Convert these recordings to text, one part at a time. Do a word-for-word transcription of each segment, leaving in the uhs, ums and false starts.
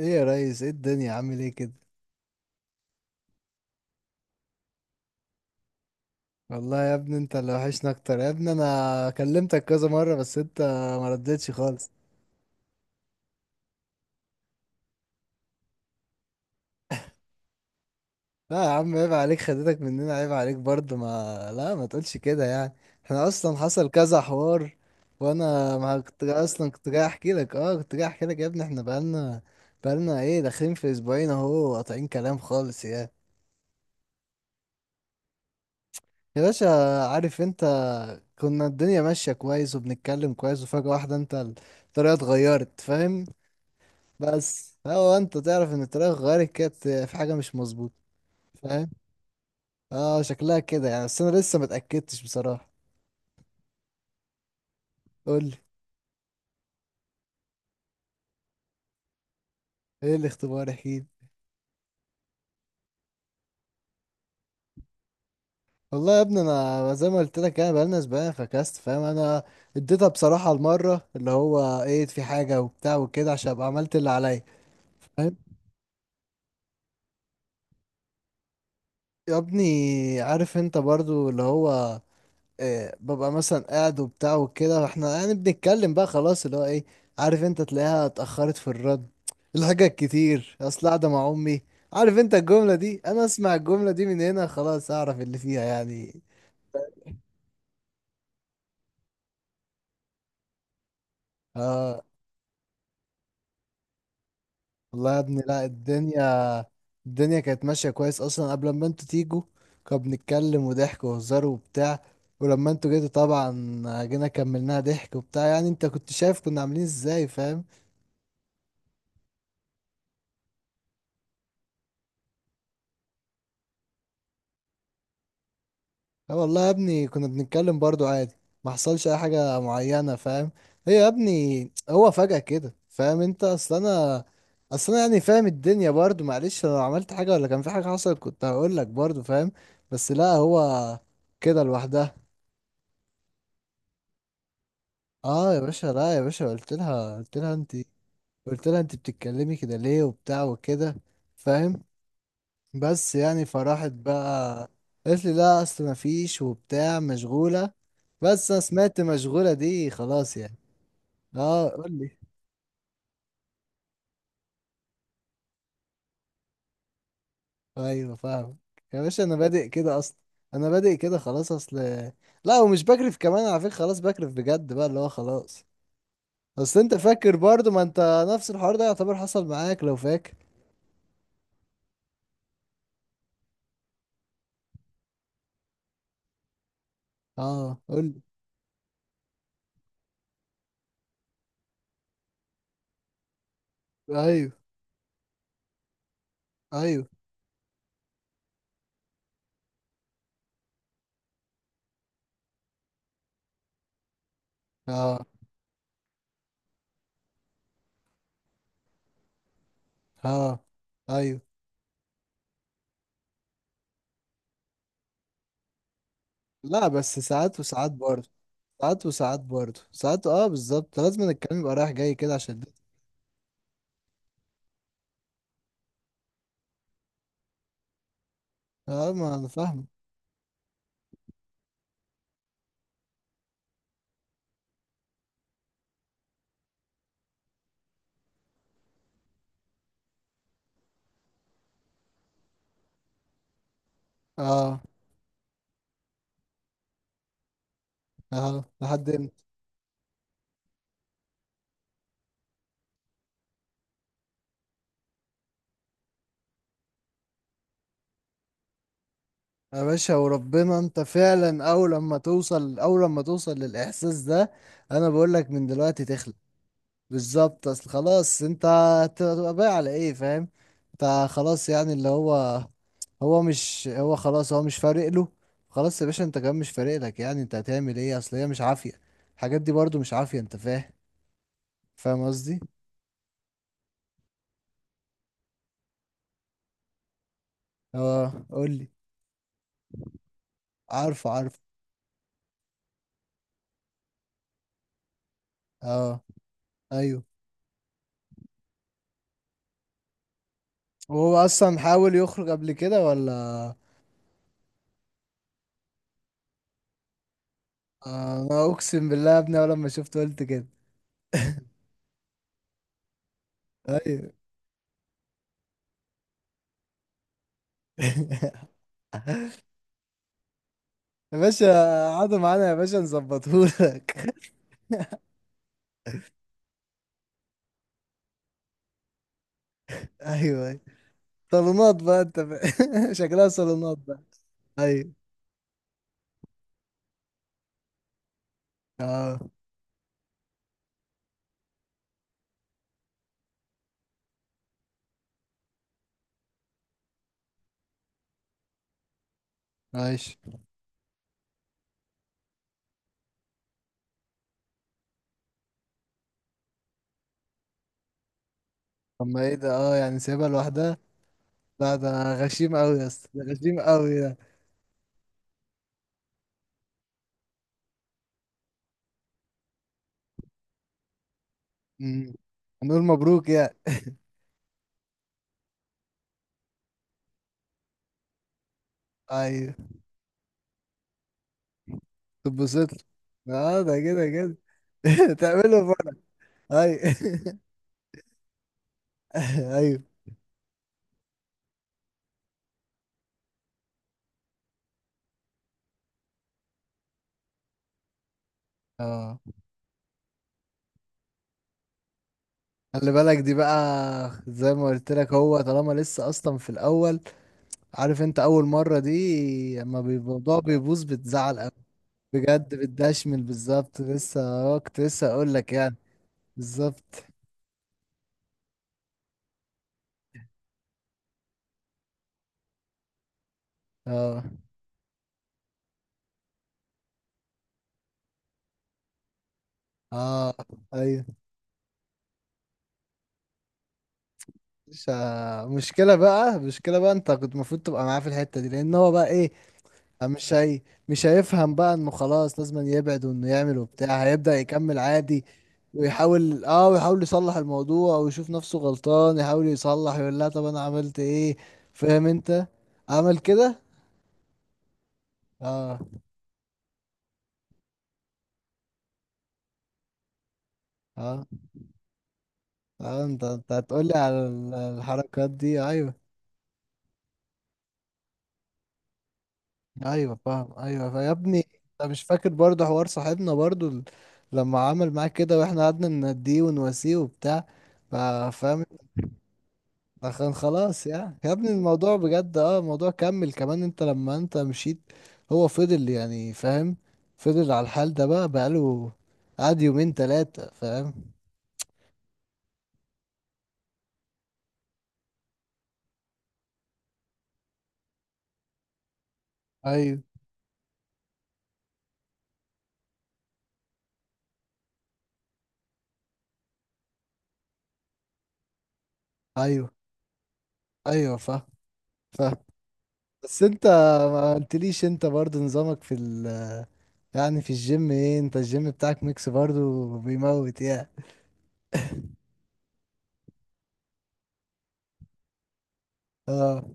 ايه يا ريس، ايه الدنيا، عامل ايه كده؟ والله يا ابني انت اللي وحشنا اكتر يا ابني. انا كلمتك كذا مره، بس انت ما ردتش خالص. لا يا عم عيب عليك، خدتك مننا، عيب عليك برضه. ما لا ما تقولش كده يعني. احنا اصلا حصل كذا حوار. وانا ما كنت جا- اصلا كنت جاي احكي لك، اه كنت جاي احكي لك يا ابني. احنا بقالنا بقالنا ايه، داخلين في اسبوعين اهو، قاطعين كلام خالص، يا يا باشا، عارف انت، كنا الدنيا ماشيه كويس وبنتكلم كويس، وفجاه واحده انت الطريقه اتغيرت. فاهم؟ بس هو انت تعرف ان الطريقه اتغيرت كانت في حاجه مش مظبوطه. فاهم؟ اه شكلها كده يعني، بس انا لسه ما اتاكدتش بصراحه. قول لي، ايه الاختبار، احكيلي. والله يا ابني انا زي ما قلت لك، انا بقالنا اسبوعين فكست، فاهم؟ انا اديتها بصراحه المره اللي هو ايه، في حاجه وبتاع وكده، عشان ابقى عملت اللي عليا. فاهم؟ يا ابني عارف انت برضو اللي هو إيه، ببقى مثلا قاعد وبتاع وكده، واحنا يعني بنتكلم بقى، خلاص اللي هو ايه، عارف انت، تلاقيها اتأخرت في الرد، الحاجات كتير، اصل قاعدة مع امي. عارف انت الجملة دي، انا اسمع الجملة دي من هنا خلاص اعرف اللي فيها يعني. اه والله يا ابني، لا، الدنيا الدنيا كانت ماشية كويس اصلا قبل ما انتوا تيجوا. كنا بنتكلم وضحك وهزار وبتاع. ولما انتوا جيتوا طبعا، جينا كملناها ضحك وبتاع، يعني انت كنت شايف كنا عاملين ازاي. فاهم؟ اه والله يا ابني، كنا بنتكلم برضو عادي، ما حصلش اي حاجة معينة. فاهم؟ هي يا ابني هو فجأة كده، فاهم انت، اصل انا اصل انا يعني فاهم الدنيا برضو، معلش لو عملت حاجة ولا كان في حاجة حصلت كنت هقول لك برضو. فاهم؟ بس لا، هو كده لوحدها. اه يا باشا لا يا باشا، قلت لها قلت لها انت، قلت لها انت بتتكلمي كده ليه، وبتاع وكده. فاهم؟ بس يعني فراحت بقى قالت لي لا اصل ما فيش وبتاع، مشغولة. بس انا سمعت مشغولة دي خلاص يعني. اه قول لي. ايوه فاهم. يا باشا انا بادئ كده اصلا، انا بادئ كده خلاص. اصل لا، ومش بكرف كمان على فكرة، خلاص بكرف بجد بقى اللي هو خلاص. اصل انت فاكر برضو، ما انت نفس الحوار ده يعتبر حصل معاك لو فاكر. اه قول لي. ايوه، ايوه. اه. اه ايوه. لا بس ساعات وساعات برضو. ساعات وساعات برضه ساعات، اه بالظبط، لازم الكلام يبقى رايح جاي كده عشان ده. اه ما انا فاهم. اه. اه لحد امتى. يا باشا وربنا انت فعلا، اول لما توصل اول لما توصل للاحساس ده، انا بقول لك من دلوقتي تخلق. بالظبط، اصل خلاص انت هت- هتبقى باقي على ايه؟ فاهم؟ انت خلاص يعني اللي هو، هو مش هو خلاص هو مش فارق له. خلاص يا باشا، انت كمان مش فارق لك، يعني انت هتعمل ايه؟ اصل هي مش عافية، الحاجات دي برضو مش عافية، انت فاهم؟ فاهم قصدي؟ اه قول لي. عارفه، عارفه. اه ايوه. وهو اصلا حاول يخرج قبل كده ولا؟ آه، انا اقسم بالله يا ابني اول لما شفته قلت كده. ايوه. يا باشا، قعدوا معانا يا باشا نظبطهولك. ايوه، أيوة. صالونات بقى انت فا- شكلها صالونات بقى. ايوه. اه. ماشي. طب ما ايه ده، اه يعني سايبها لوحدها. لا ده، غشيم قوي يا اسطى، ده غشيم قوي ده. أمم. هنقول مبروك يا... ايوه. تتبسط له. اه ده كده كده. تعمله بره. اي. ايوه. اه. خلي بالك دي بقى، زي ما قلت لك، هو طالما لسه اصلا في الاول. عارف انت، اول مره دي اما بيبقى الموضوع بيبوظ بتزعل قوي. بجد بتدشمل، بالظبط، لسه، اه كنت لسه اقول لك يعني. بالظبط. اه. اه ايوه. مش، مشكله بقى، مشكله بقى انت كنت المفروض تبقى معاه في الحته دي، لان هو بقى ايه. مش هي... مش هيفهم بقى انه خلاص لازم يبعد، وانه يعمل وبتاع، هيبدأ يكمل عادي. ويحاول اه ويحاول يصلح الموضوع، ويشوف نفسه غلطان، يحاول يصلح، يقول لا طب انا عملت ايه. فاهم انت؟ عمل كده. اه. اه. اه انت انت هتقول لي على ال- الحركات دي. ايوه. ايوه فاهم. ايوه فا- يا ابني، انت مش فاكر برضه حوار صاحبنا برضه ال- لما عمل معاك كده، واحنا قعدنا نناديه ونواسيه وبتاع. فا- فاهم؟ عشان خلاص يعني يا ابني، الموضوع بجد، اه الموضوع كمل كمان انت لما انت مشيت. هو فضل يعني، فاهم، فضل على الحال ده بقى، بقاله قعد يومين تلاتة. فاهم؟ ايوه. ايوه. ايوه فاهم. فاهم. بس انت ما قلتليش انت برضه نظامك في ال، يعني في الجيم، ايه، انت الجيم بتاعك ميكس برضه بيموت يعني. اه.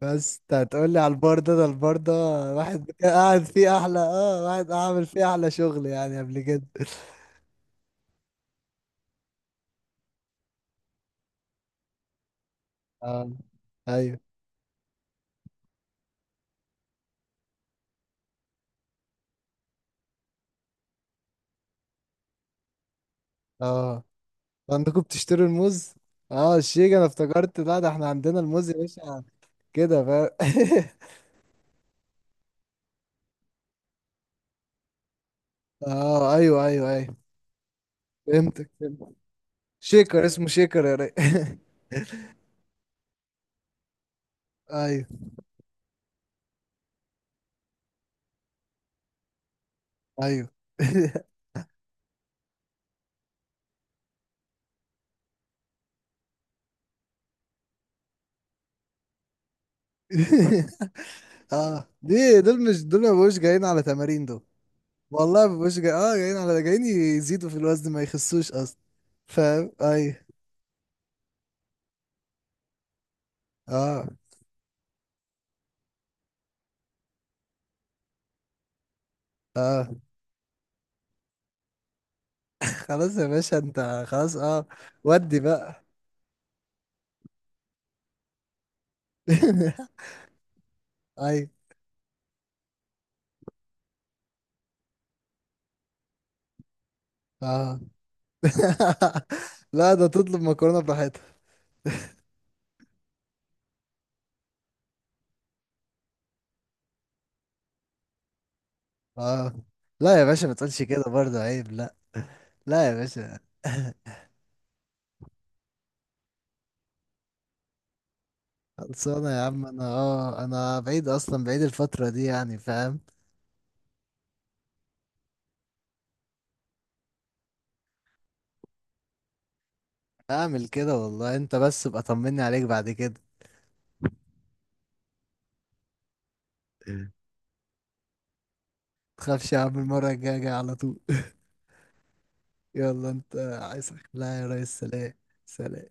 بس انت هتقولي على البار ده ده البار ده واحد كان قاعد فيه احلى، اه واحد عامل فيه احلى شغل يعني قبل كده. اه. ايوه. اه. عندكم بتشتروا الموز؟ اه الشيك، انا افتكرت لا، ده احنا عندنا الموز يا باشا. كده فاهم. اه ايوه، ايوه، ايوه. فهمتك، فهمتك. شيكر، اسمه شيكر يا ري... ايوه. ايوه. اه دي دول، مش دول ما بقوش جايين على تمارين دول. والله ما بقوش جاي، اه جايين على جايين يزيدوا في الوزن ما يخسوش اصلا. فاهم؟ ايوه. اه. اه. خلاص يا باشا، انت خلاص اه. ودي بقى. ايوه. اه. لا ده تطلب مكرونة براحتها. اه. لا يا باشا، ما تقولش كده برضه عيب، لا. لا يا باشا. خلصانة يا عم، انا اه انا بعيد اصلا، بعيد الفترة دي يعني. فاهم؟ اعمل كده والله، انت بس ابقى طمني عليك بعد كده. تخافش يا عم، المرة الجاية جاي على طول. يلا انت. عايز؟ لا يا ريس، سلام. سلام.